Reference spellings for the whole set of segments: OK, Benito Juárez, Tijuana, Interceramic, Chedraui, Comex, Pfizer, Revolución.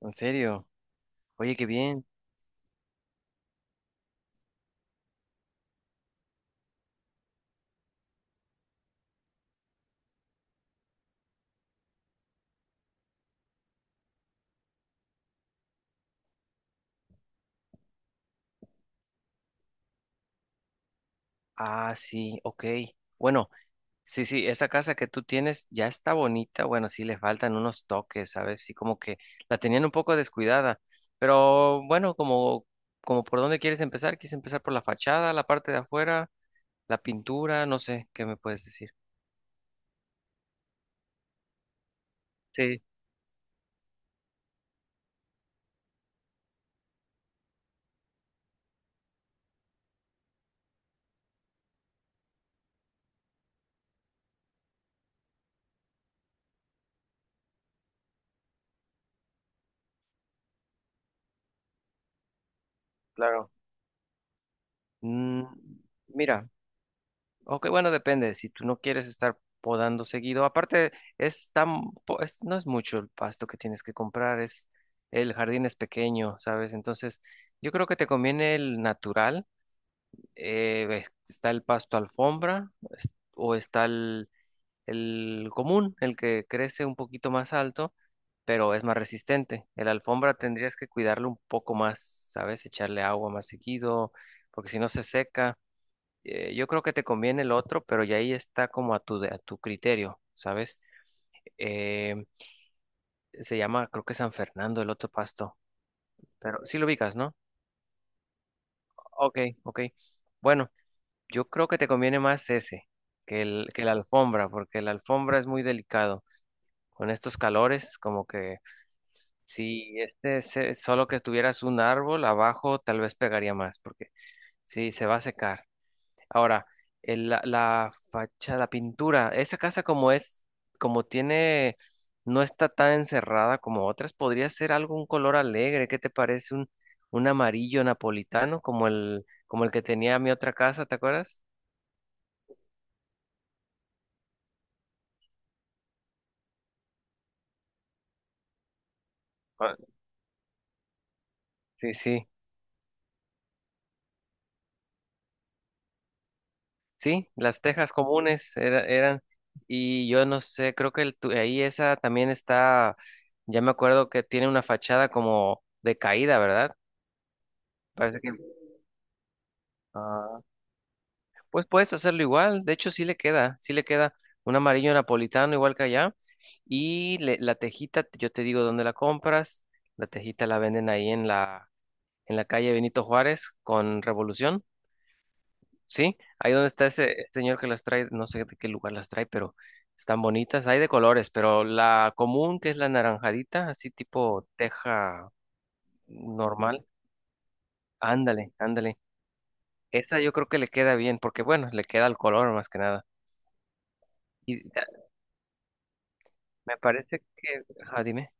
¿En serio? Oye, qué bien. Ah, sí, ok. Bueno, sí, sí, esa casa que tú tienes ya está bonita. Bueno, sí, le faltan unos toques, ¿sabes? Sí, como que la tenían un poco descuidada. Pero bueno, como por dónde ¿quieres empezar por la fachada, la parte de afuera, la pintura? No sé, ¿qué me puedes decir? Sí, claro. Mm, mira, ok, bueno, depende. Si tú no quieres estar podando seguido, aparte es tan, po- es- no es mucho el pasto que tienes que comprar, es el jardín es pequeño, ¿sabes? Entonces, yo creo que te conviene el natural. Ves, está el pasto alfombra o está el común, el que crece un poquito más alto, pero es más resistente. El alfombra tendrías que cuidarlo un poco más, ¿sabes? Echarle agua más seguido, porque si no se seca. Yo creo que te conviene el otro, pero ya ahí está como a a tu criterio, ¿sabes? Eh, Se llama, creo que, San Fernando, el otro pasto, pero sí lo ubicas, ¿no? Ok, ok. Bueno, yo creo que te conviene más ese que que la alfombra, porque la alfombra es muy delicado. Con estos calores, como que si este es, solo que tuvieras un árbol abajo, tal vez pegaría más, porque sí, se va a secar. Ahora, la fachada, la pintura, esa casa como es, como tiene, no está tan encerrada como otras, podría ser algo, un color alegre, ¿qué te parece? Un amarillo napolitano como el que tenía mi otra casa, ¿te acuerdas? Ah, sí, sí, sí, las tejas comunes eran, y yo no sé, creo que ahí esa también está, ya me acuerdo que tiene una fachada como de caída, ¿verdad? Parece que... Ah. Pues puedes hacerlo igual, de hecho sí le queda un amarillo napolitano igual que allá y la tejita, yo te digo dónde la compras, la tejita la venden ahí en la calle Benito Juárez con Revolución, ¿sí? Ahí donde está ese señor que las trae, no sé de qué lugar las trae, pero están bonitas, hay de colores, pero la común que es la naranjadita, así tipo teja normal, ándale, ándale, esa yo creo que le queda bien, porque bueno, le queda el color más que nada. Y me parece que, ah, dime.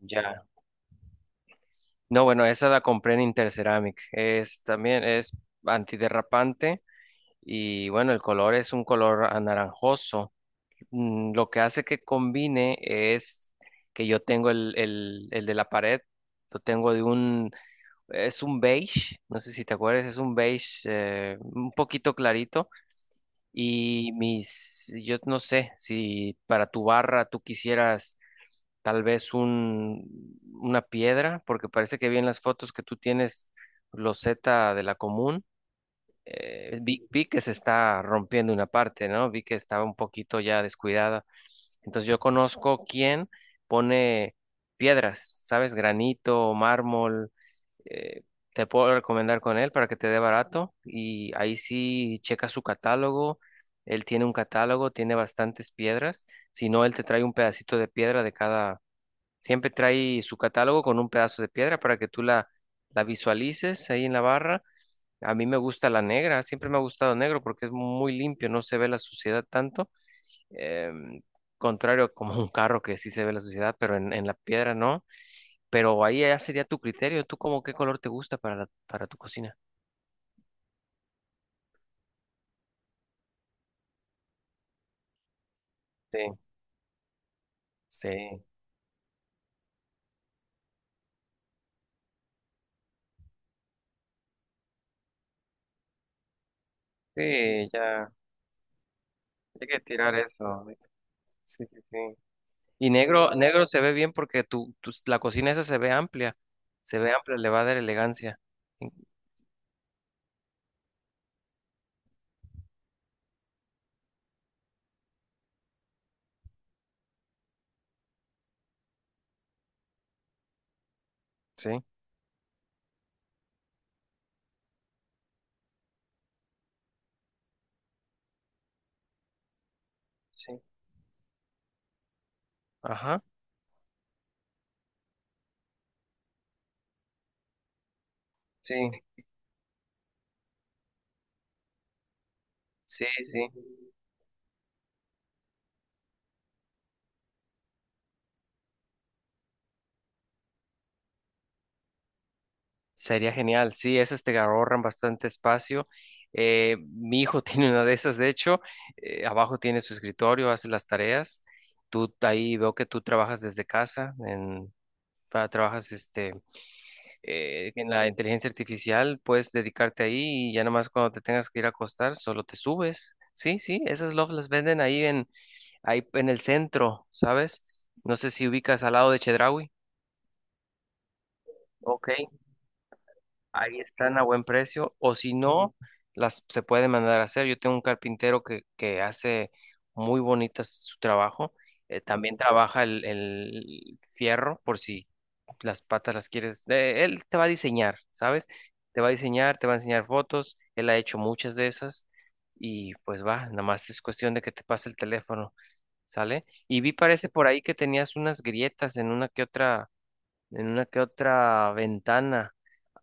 Ya. No, bueno, esa la compré en Interceramic. Es también es antiderrapante y bueno, el color es un color anaranjoso. Mm, lo que hace que combine es que yo tengo el de la pared, lo tengo de un, es un beige, no sé si te acuerdas, es un beige un poquito clarito y yo no sé si para tu barra tú quisieras tal vez una piedra, porque parece que vi en las fotos que tú tienes loseta de la común. Vi que se está rompiendo una parte, ¿no? Vi que estaba un poquito ya descuidada. Entonces yo conozco quién pone piedras, ¿sabes? Granito, mármol. eh, Te puedo recomendar con él para que te dé barato y ahí sí checa su catálogo. Él tiene un catálogo, tiene bastantes piedras. Si no, él te trae un pedacito de piedra de cada, siempre trae su catálogo con un pedazo de piedra para que tú la visualices ahí en la barra. A mí me gusta la negra, siempre me ha gustado negro porque es muy limpio, no se ve la suciedad tanto. em, Contrario a como un carro que sí se ve la suciedad, pero en la piedra no. Pero ahí ya sería tu criterio. ¿Tú como qué color te gusta para para tu cocina? Sí, sí, sí, ya hay que tirar eso. Sí, sí, sí. Y negro, negro se ve bien porque tu la cocina esa se ve amplia, le va a dar elegancia. Sí, sí, ajá, sí, sí, sí. Sería genial, sí, esas te ahorran bastante espacio. Mi hijo tiene una de esas, de hecho, abajo tiene su escritorio, hace las tareas. Tú ahí veo que tú trabajas desde casa, en, ah, trabajas en la inteligencia artificial, puedes dedicarte ahí y ya nomás cuando te tengas que ir a acostar, solo te subes. Sí, sí, esas lofts las venden ahí ahí en el centro, ¿sabes? No sé si ubicas al lado de Chedraui. Ok, ahí están a buen precio. O si no, las se puede mandar a hacer. Yo tengo un carpintero que hace muy bonitas su trabajo. También trabaja el fierro por si las patas las quieres, él te va a diseñar, ¿sabes? Te va a diseñar, te va a enseñar fotos, él ha hecho muchas de esas y pues va, nada más es cuestión de que te pase el teléfono, ¿sale? Y vi parece por ahí que tenías unas grietas en una que otra, en una que otra ventana.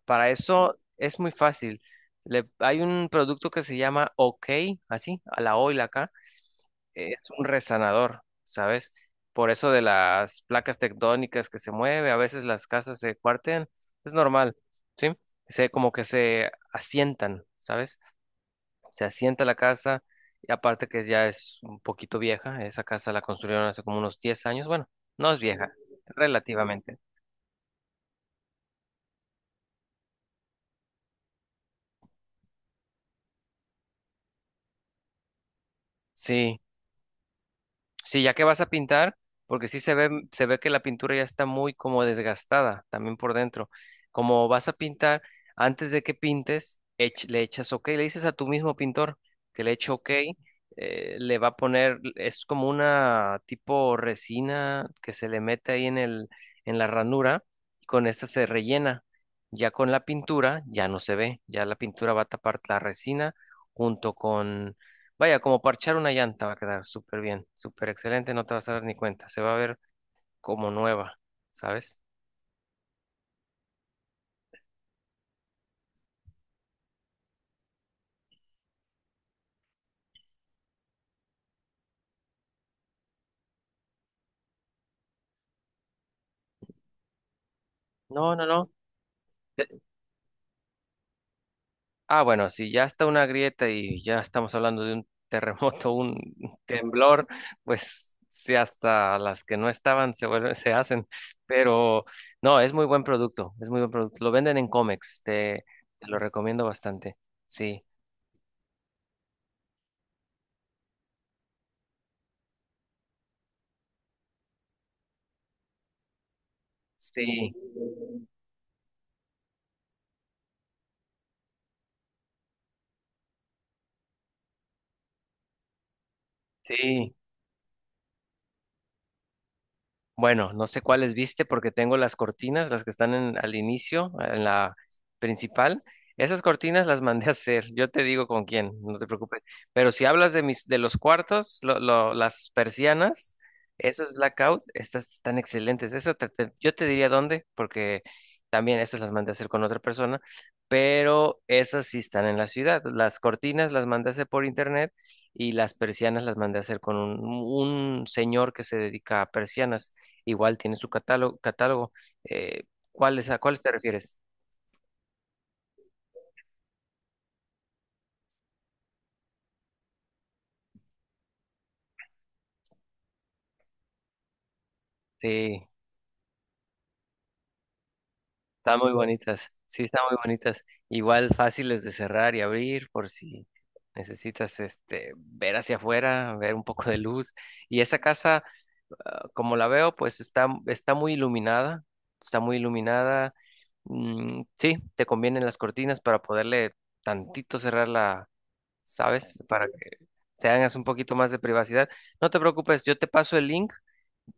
Para eso es muy fácil. Hay un producto que se llama OK, así, a la O y la K, es un resanador, ¿sabes? Por eso de las placas tectónicas que se mueve, a veces las casas se cuartean, es normal, ¿sí? Se, como que se asientan, ¿sabes? Se asienta la casa y aparte que ya es un poquito vieja, esa casa la construyeron hace como unos 10 años, bueno, no es vieja, relativamente. Sí, sí, ya que vas a pintar, porque sí se ve que la pintura ya está muy como desgastada también por dentro. Como vas a pintar, antes de que pintes, le echas OK, le dices a tu mismo pintor que le eche OK, le va a poner, es como una tipo resina que se le mete ahí en el, en la ranura, y con esta se rellena. Ya con la pintura, ya no se ve, ya la pintura va a tapar la resina junto. Vaya, como parchar una llanta va a quedar súper bien, súper excelente, no te vas a dar ni cuenta, se va a ver como nueva, ¿sabes? No, no, no. Ah, bueno, si ya está una grieta y ya estamos hablando de un terremoto, un temblor, pues sí, hasta las que no estaban se vuelven, se hacen, pero no, es muy buen producto, es muy buen producto. Lo venden en Comex, te lo recomiendo bastante. Sí, sí, sí. Bueno, no sé cuáles viste porque tengo las cortinas, las que están al inicio, en la principal. Esas cortinas las mandé a hacer. Yo te digo con quién, no te preocupes. Pero si hablas de de los cuartos, las persianas, esas blackout, estas están excelentes. Esa yo te diría dónde, porque también esas las mandé a hacer con otra persona. Pero esas sí están en la ciudad. Las cortinas las mandé a hacer por internet y las persianas las mandé a hacer con un señor que se dedica a persianas. Igual tiene su catálogo, catálogo. Eh, ¿Cuáles, a cuáles te refieres? Sí, están muy bonitas. Sí, están muy bonitas. Igual fáciles de cerrar y abrir por si necesitas este ver hacia afuera, ver un poco de luz. Y esa casa, ah, como la veo, pues está, está muy iluminada. Está muy iluminada. Mm, sí, te convienen las cortinas para poderle tantito cerrarla, ¿sabes? Para que te hagas un poquito más de privacidad. No te preocupes, yo te paso el link.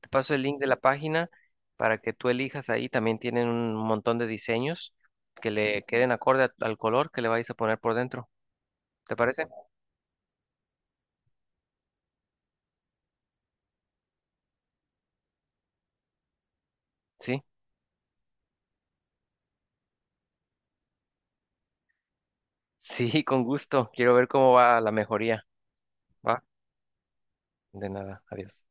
Te paso el link de la página para que tú elijas ahí. También tienen un montón de diseños que le queden acorde al color que le vais a poner por dentro. ¿Te parece? Sí. Sí, con gusto. Quiero ver cómo va la mejoría. Va. De nada. Adiós.